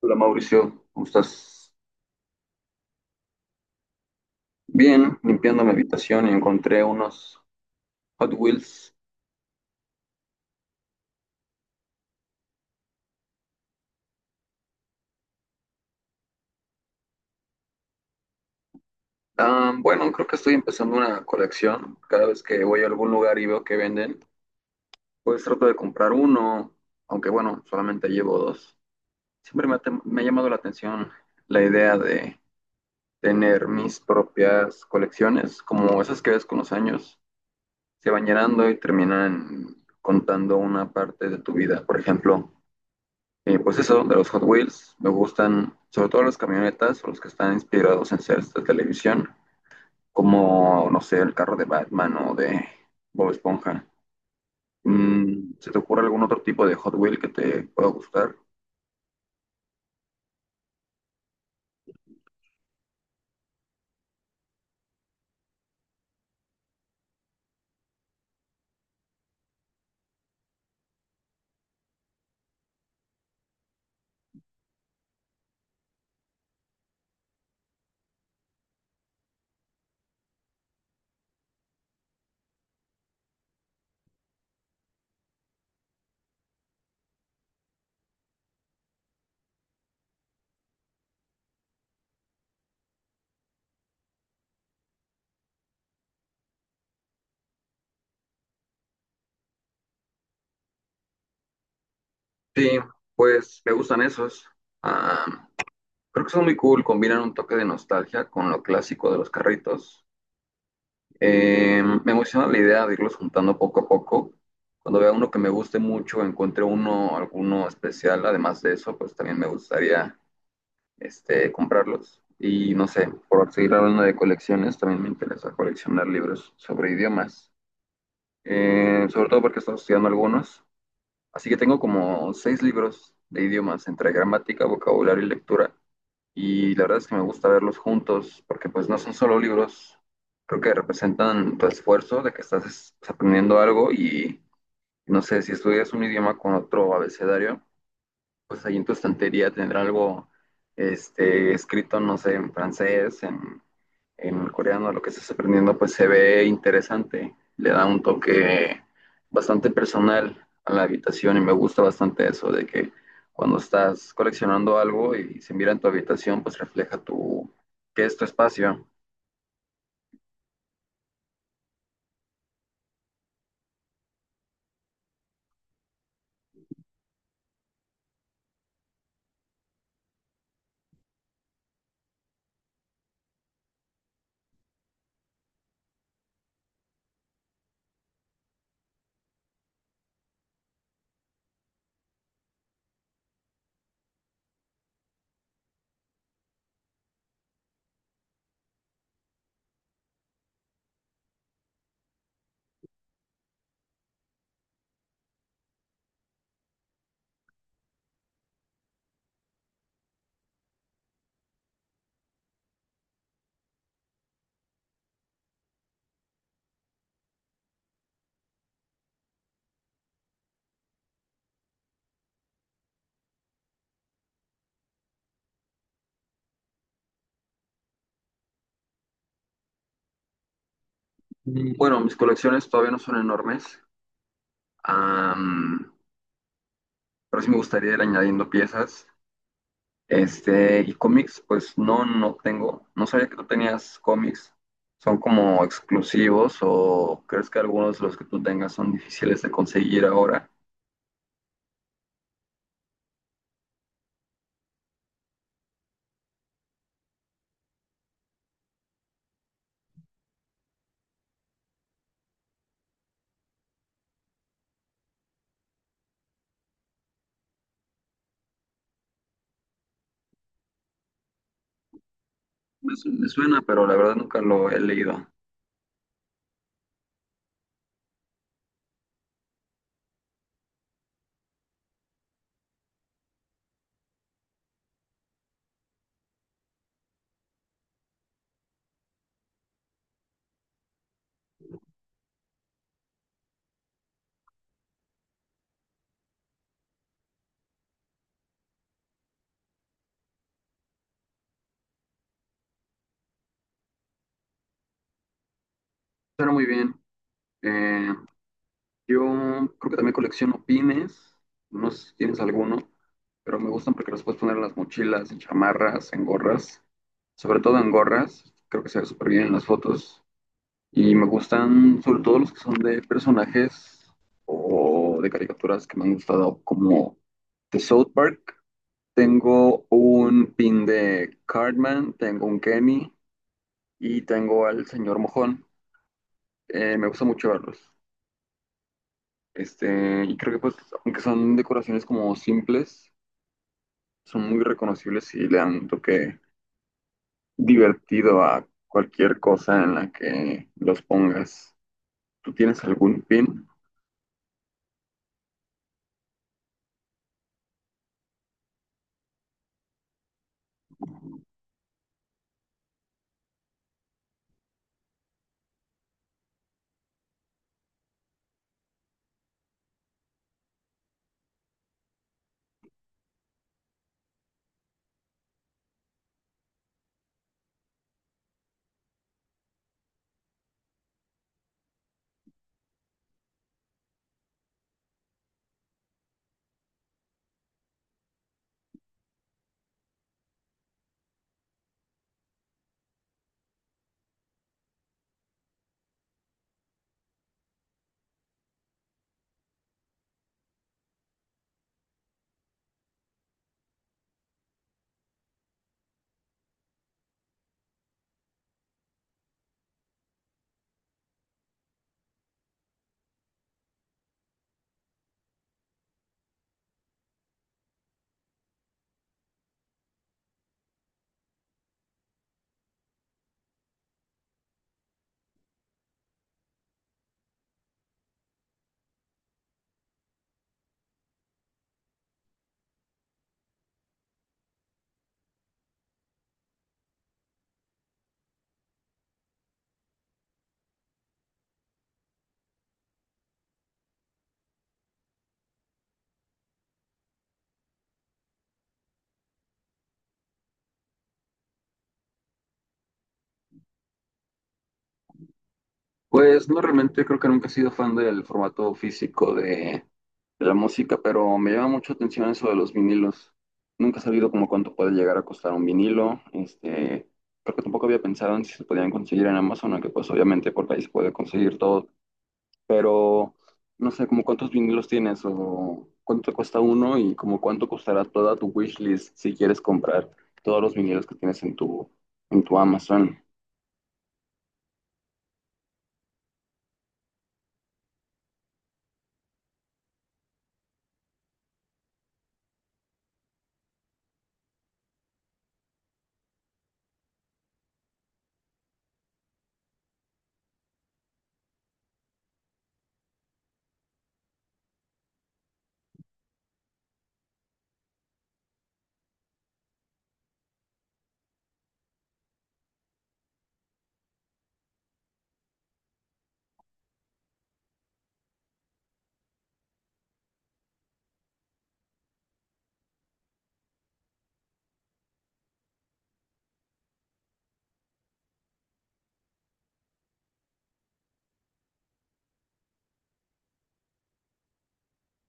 Hola Mauricio, ¿cómo estás? Bien, limpiando mi habitación y encontré unos Hot Wheels. Bueno, Creo que estoy empezando una colección. Cada vez que voy a algún lugar y veo que venden, pues trato de comprar uno, aunque bueno, solamente llevo dos. Siempre me ha, tem- Me ha llamado la atención la idea de tener mis propias colecciones, como esas que ves con los años, se van llenando y terminan contando una parte de tu vida. Por ejemplo, de los Hot Wheels, me gustan sobre todo las camionetas o los que están inspirados en series de televisión, como, no sé, el carro de Batman o de Bob Esponja. Mm, ¿se te ocurre algún otro tipo de Hot Wheel que te pueda gustar? Sí, pues me gustan esos. Ah, Creo que son muy cool, combinan un toque de nostalgia con lo clásico de los carritos. Me emociona la idea de irlos juntando poco a poco. Cuando vea uno que me guste mucho, encuentre uno, alguno especial, además de eso, pues también me gustaría comprarlos. Y no sé, por seguir hablando de colecciones, también me interesa coleccionar libros sobre idiomas. Sobre todo porque estoy estudiando algunos. Así que tengo como seis libros de idiomas, entre gramática, vocabulario y lectura, y la verdad es que me gusta verlos juntos, porque pues no son solo libros, creo que representan tu esfuerzo de que aprendiendo algo. Y no sé, si estudias un idioma con otro abecedario, pues ahí en tu estantería tendrá algo escrito, no sé, en francés, en coreano lo que estás aprendiendo, pues se ve interesante, le da un toque bastante personal a la habitación y me gusta bastante eso de que cuando estás coleccionando algo y se mira en tu habitación, pues refleja tu, que es tu espacio. Bueno, mis colecciones todavía no son enormes, am, pero sí me gustaría ir añadiendo piezas. Y cómics, pues no, no tengo. No sabía que tú tenías cómics. ¿Son como exclusivos o crees que algunos de los que tú tengas son difíciles de conseguir ahora? Me suena, pero la verdad nunca lo he leído. Suena muy bien. Eh, yo creo que también colecciono pines. No sé si tienes alguno, pero me gustan porque los puedes poner en las mochilas, en chamarras, en gorras. Sobre todo en gorras. Creo que se ve súper bien en las fotos. Y me gustan sobre todo los que son de personajes o de caricaturas que me han gustado, como de South Park. Tengo un pin de Cartman, tengo un Kenny y tengo al señor Mojón. Me gusta mucho verlos. Y creo que pues, aunque son decoraciones como simples, son muy reconocibles y le dan un toque divertido a cualquier cosa en la que los pongas. ¿Tú tienes algún pin? Pues no, realmente creo que nunca he sido fan del formato físico de la música, pero me llama mucho atención eso de los vinilos. Nunca he sabido como cuánto puede llegar a costar un vinilo. Creo que tampoco había pensado en si se podían conseguir en Amazon, aunque pues obviamente por ahí se puede conseguir todo. Pero no sé, como cuántos vinilos tienes o cuánto te cuesta uno y como cuánto costará toda tu wishlist si quieres comprar todos los vinilos que tienes en tu Amazon.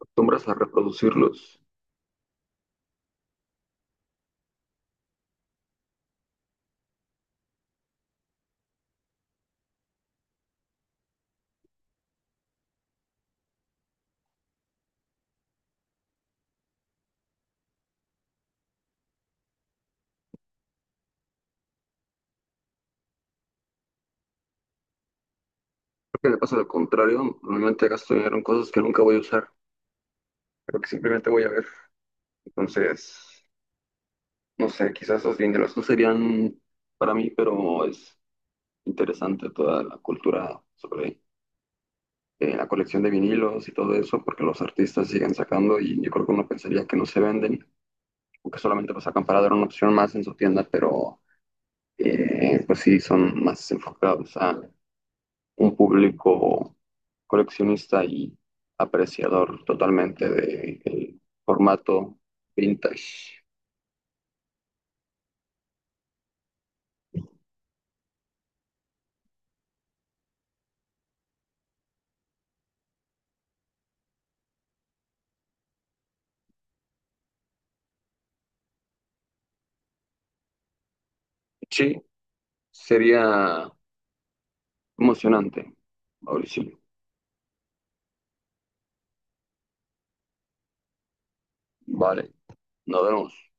¿Acostumbras a reproducirlos? Que me pasa lo contrario, normalmente gasto dinero en cosas que nunca voy a usar, pero que simplemente voy a ver. Entonces, no sé, quizás los dineros no serían para mí, pero es interesante toda la cultura sobre la colección de vinilos y todo eso, porque los artistas siguen sacando y yo creo que uno pensaría que no se venden o que solamente lo sacan para dar una opción más en su tienda, pero pues sí, son más enfocados a un público coleccionista y apreciador totalmente del formato vintage. Sí, sería emocionante, Mauricio. Vale, nos vemos.